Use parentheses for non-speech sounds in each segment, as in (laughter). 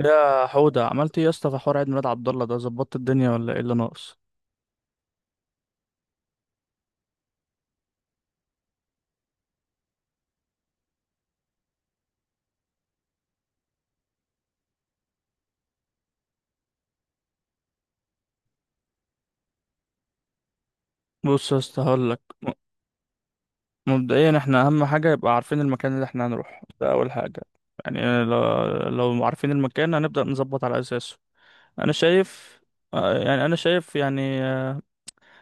يا حودة، عملت ايه يا اسطى في حوار عيد ميلاد عبد الله ده؟ ظبطت الدنيا ولا ايه اللي ناقص؟ بص يا اسطى، هقول لك. مبدئيا احنا اهم حاجه يبقى عارفين المكان اللي احنا هنروح ده، اول حاجه. يعني لو عارفين المكان هنبدا نظبط على اساسه. انا شايف. يعني انا شايف يعني.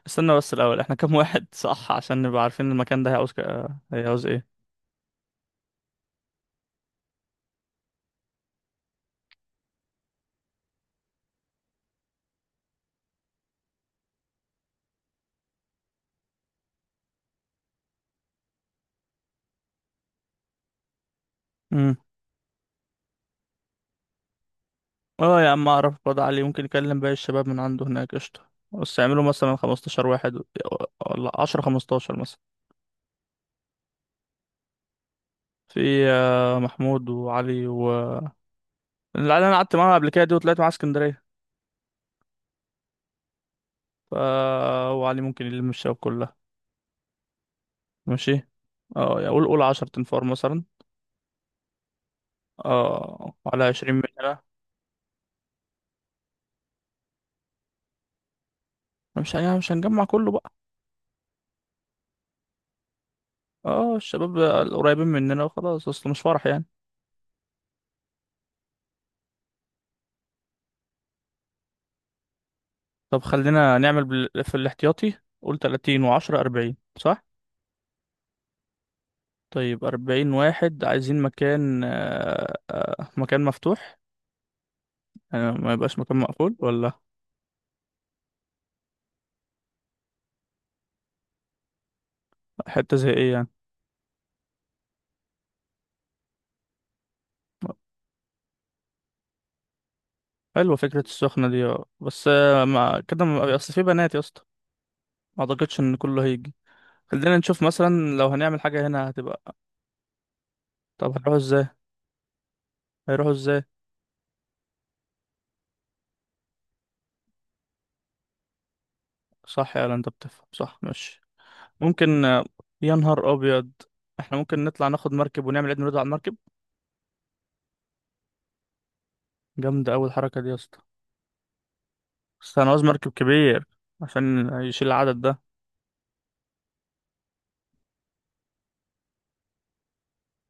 استنى بس الاول، احنا (laughs) كام واحد؟ صح، عشان نبقى عارفين المكان ده هيعوز هيعوز ايه؟ امم. اه يا عم، اعرف الواد علي ممكن يكلم باقي الشباب من عنده هناك. قشطه، بس يعملوا مثلا 15 واحد، ولا 10 15 مثلا. في محمود وعلي و اللي انا قعدت معاها قبل كده دي وطلعت معاها اسكندريه. ف وعلي ممكن يلم الشباب كلها. ماشي. اه يعني قول 10 تنفار مثلا، اه، على 20 مننا. مش يعني، مش هنجمع كله بقى. اه، الشباب القريبين مننا وخلاص، اصل مش فرح يعني. طب خلينا نعمل في الاحتياطي. قول 30 و10، 40 صح؟ طيب، 40 واحد. عايزين مكان، مكان مفتوح. يعني ما يبقاش مكان مقفول ولا؟ حتة زي ايه يعني؟ حلوة فكرة السخنة دي. اه بس، مع كده أصل في بنات يا اسطى. ما أعتقدش إن كله هيجي. خلينا نشوف مثلا. لو هنعمل حاجة هنا هتبقى. طب هنروحوا ازاي؟ هيروحوا ازاي؟ صح، يا أنت بتفهم. صح، ماشي. ممكن. يا نهار أبيض! احنا ممكن نطلع ناخد مركب ونعمل عيد ميلاد على المركب. جامدة أوي الحركة دي يا اسطى. بس أنا عاوز مركب كبير عشان يشيل العدد ده.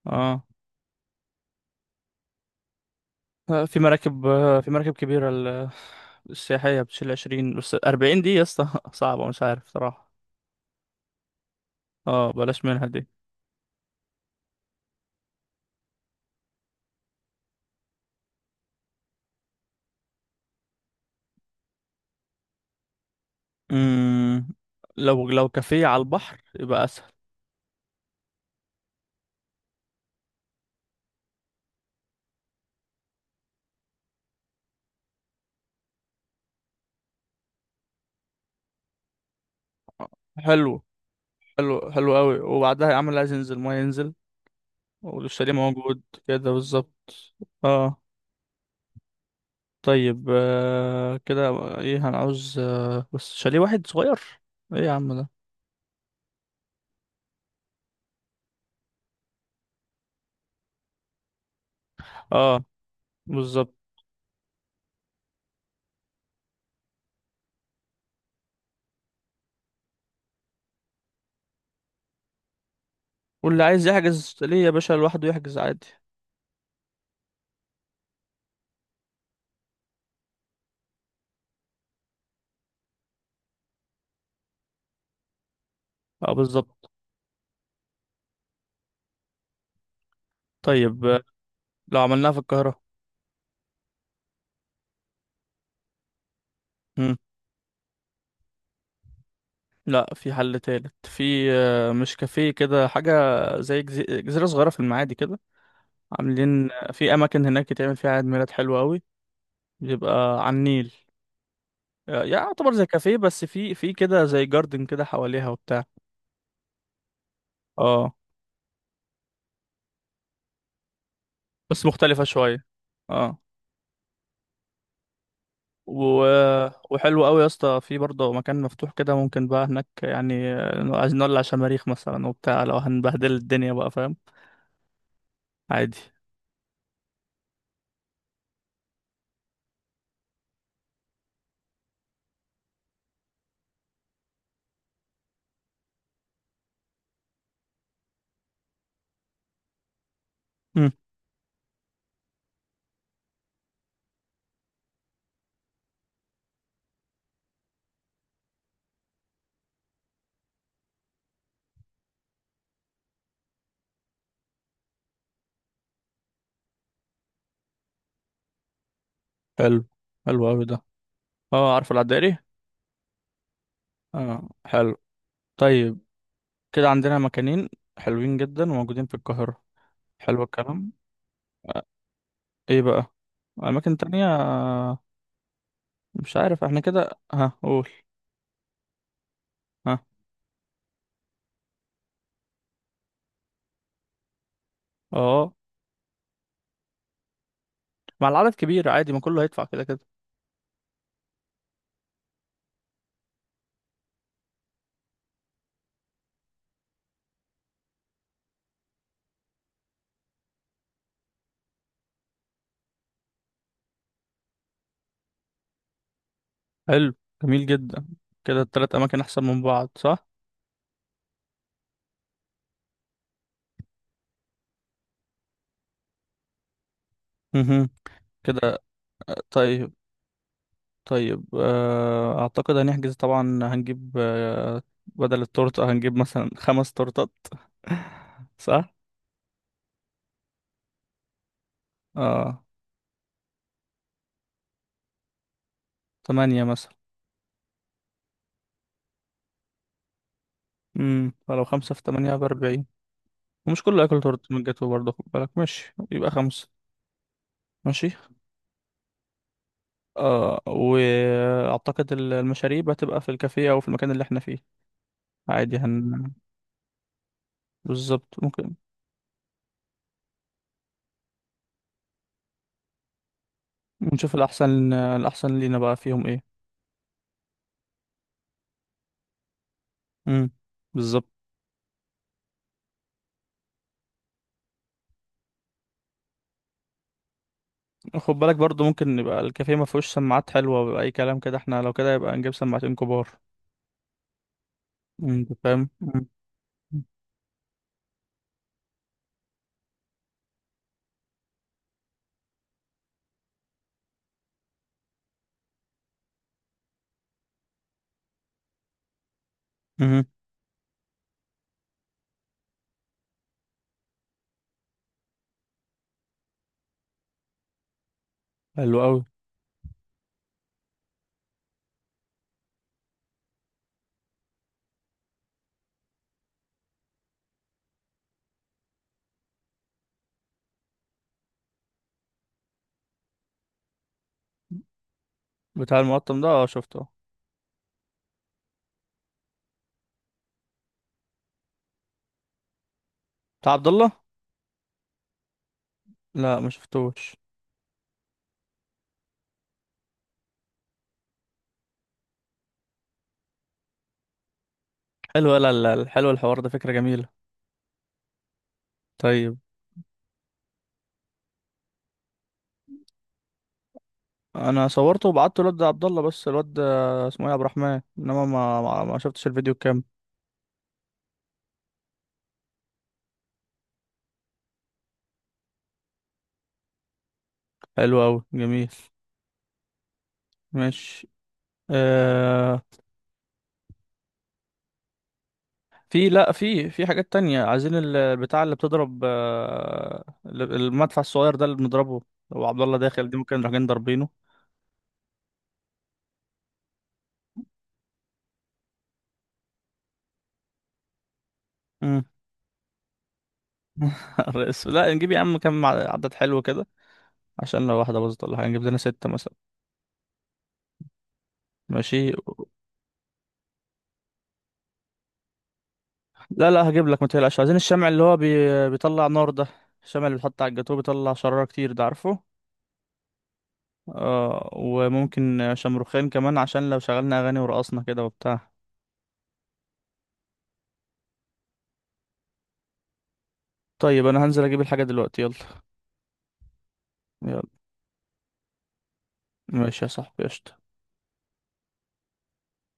اه، في مراكب، في مراكب كبيرة، السياحية بتشيل 20، بس 40 دي يا اسطى (laughs) صعبة، مش عارف صراحة. اه، بلاش منها دي. امم لو كافيه على البحر يبقى اسهل. حلو، حلو، حلو قوي، وبعدها يا عم اللي عايز ينزل ما ينزل. والشاليه موجود. كده بالظبط. اه. طيب. كده. ايه هنعوز؟ بس شاليه واحد صغير. ايه يا عم ده. اه. بالظبط. واللي عايز يحجز شاليه يا باشا لوحده يحجز عادي. اه بالظبط. طيب. لو عملناها في القاهرة. مم. لا، في حل تالت. في مش كافيه كده حاجة، زي جزيرة صغيرة في المعادي كده. عاملين في اماكن هناك يتعمل فيها عيد ميلاد حلو قوي. بيبقى على النيل. يعني يعتبر زي كافيه، بس في كده زي جاردن كده حواليها وبتاع. اه بس مختلفة شوية. اه. و... وحلو قوي يا اسطى. في برضه مكان مفتوح كده ممكن بقى هناك، يعني عايزين نولع شماريخ مثلا وبتاع، لو هنبهدل الدنيا بقى، فاهم؟ عادي. مم. حلو، حلو قوي ده. اه، عارف العدائري. اه حلو. طيب. كده عندنا مكانين حلوين جدا وموجودين في القاهرة. حلو الكلام. آه، ايه بقى؟ اماكن تانية؟ مش عارف احنا كده. ها قول. ها. اه، مع العدد كبير عادي، ما كله هيدفع كده كده. حلو. جميل جدا. كده التلات اماكن احسن من بعض، صح؟ مهم. كده. طيب. طيب. اعتقد هنحجز طبعا. هنجيب بدل التورتة هنجيب مثلا خمس تورتات. (laughs) صح؟ اه. تمانية مثلا. فلو خمسة في تمانية ب40. ومش كله هياكل تورتة من الجاتو برضه، خد بالك. ماشي، يبقى خمسة. ماشي. اه، واعتقد المشاريب هتبقى في الكافيه او في المكان اللي احنا فيه. عادي. بالظبط، ممكن. نشوف الاحسن لينا بقى فيهم ايه. امم. بالظبط. خد بالك برضو، ممكن يبقى الكافيه ما فيهوش سماعات حلوه ولا اي كلام كده، احنا لو كده يبقى نجيب سماعتين كبار. انت فاهم. مم. مم. حلو قوي. بتاع المقطم ده، اه شفته. بتاع عبد الله؟ لا، ما شفتوش. حلو. لا لا لا، حلو الحوار ده، فكره جميله. طيب. انا صورته وبعته الواد ده عبد الله، بس الواد ده اسمه ايه، عبد الرحمن. انما ما شفتش الفيديو كام. حلو قوي جميل. ماشي. آه في... لا، في حاجات تانية. عايزين البتاع اللي بتضرب، المدفع الصغير ده اللي بنضربه وعبد الله داخل دي، ممكن نروح جايين ضاربينه. مم. (laughs) الرئيس! لا، نجيب يا عم كام عدد حلو كده، عشان لو واحدة باظت ولا حاجة، نجيب لنا ستة مثلا. ماشي. لا لا، هجيب لك ما تقلقش. عايزين الشمع اللي هو بيطلع نار ده، الشمع اللي بيتحط على الجاتوه بيطلع شرارة كتير ده، عارفه؟ وممكن شمروخين كمان، عشان لو شغلنا اغاني ورقصنا كده وبتاع. طيب انا هنزل اجيب الحاجة دلوقتي، يلا. يلا. ماشي يا صاحبي، قشطة.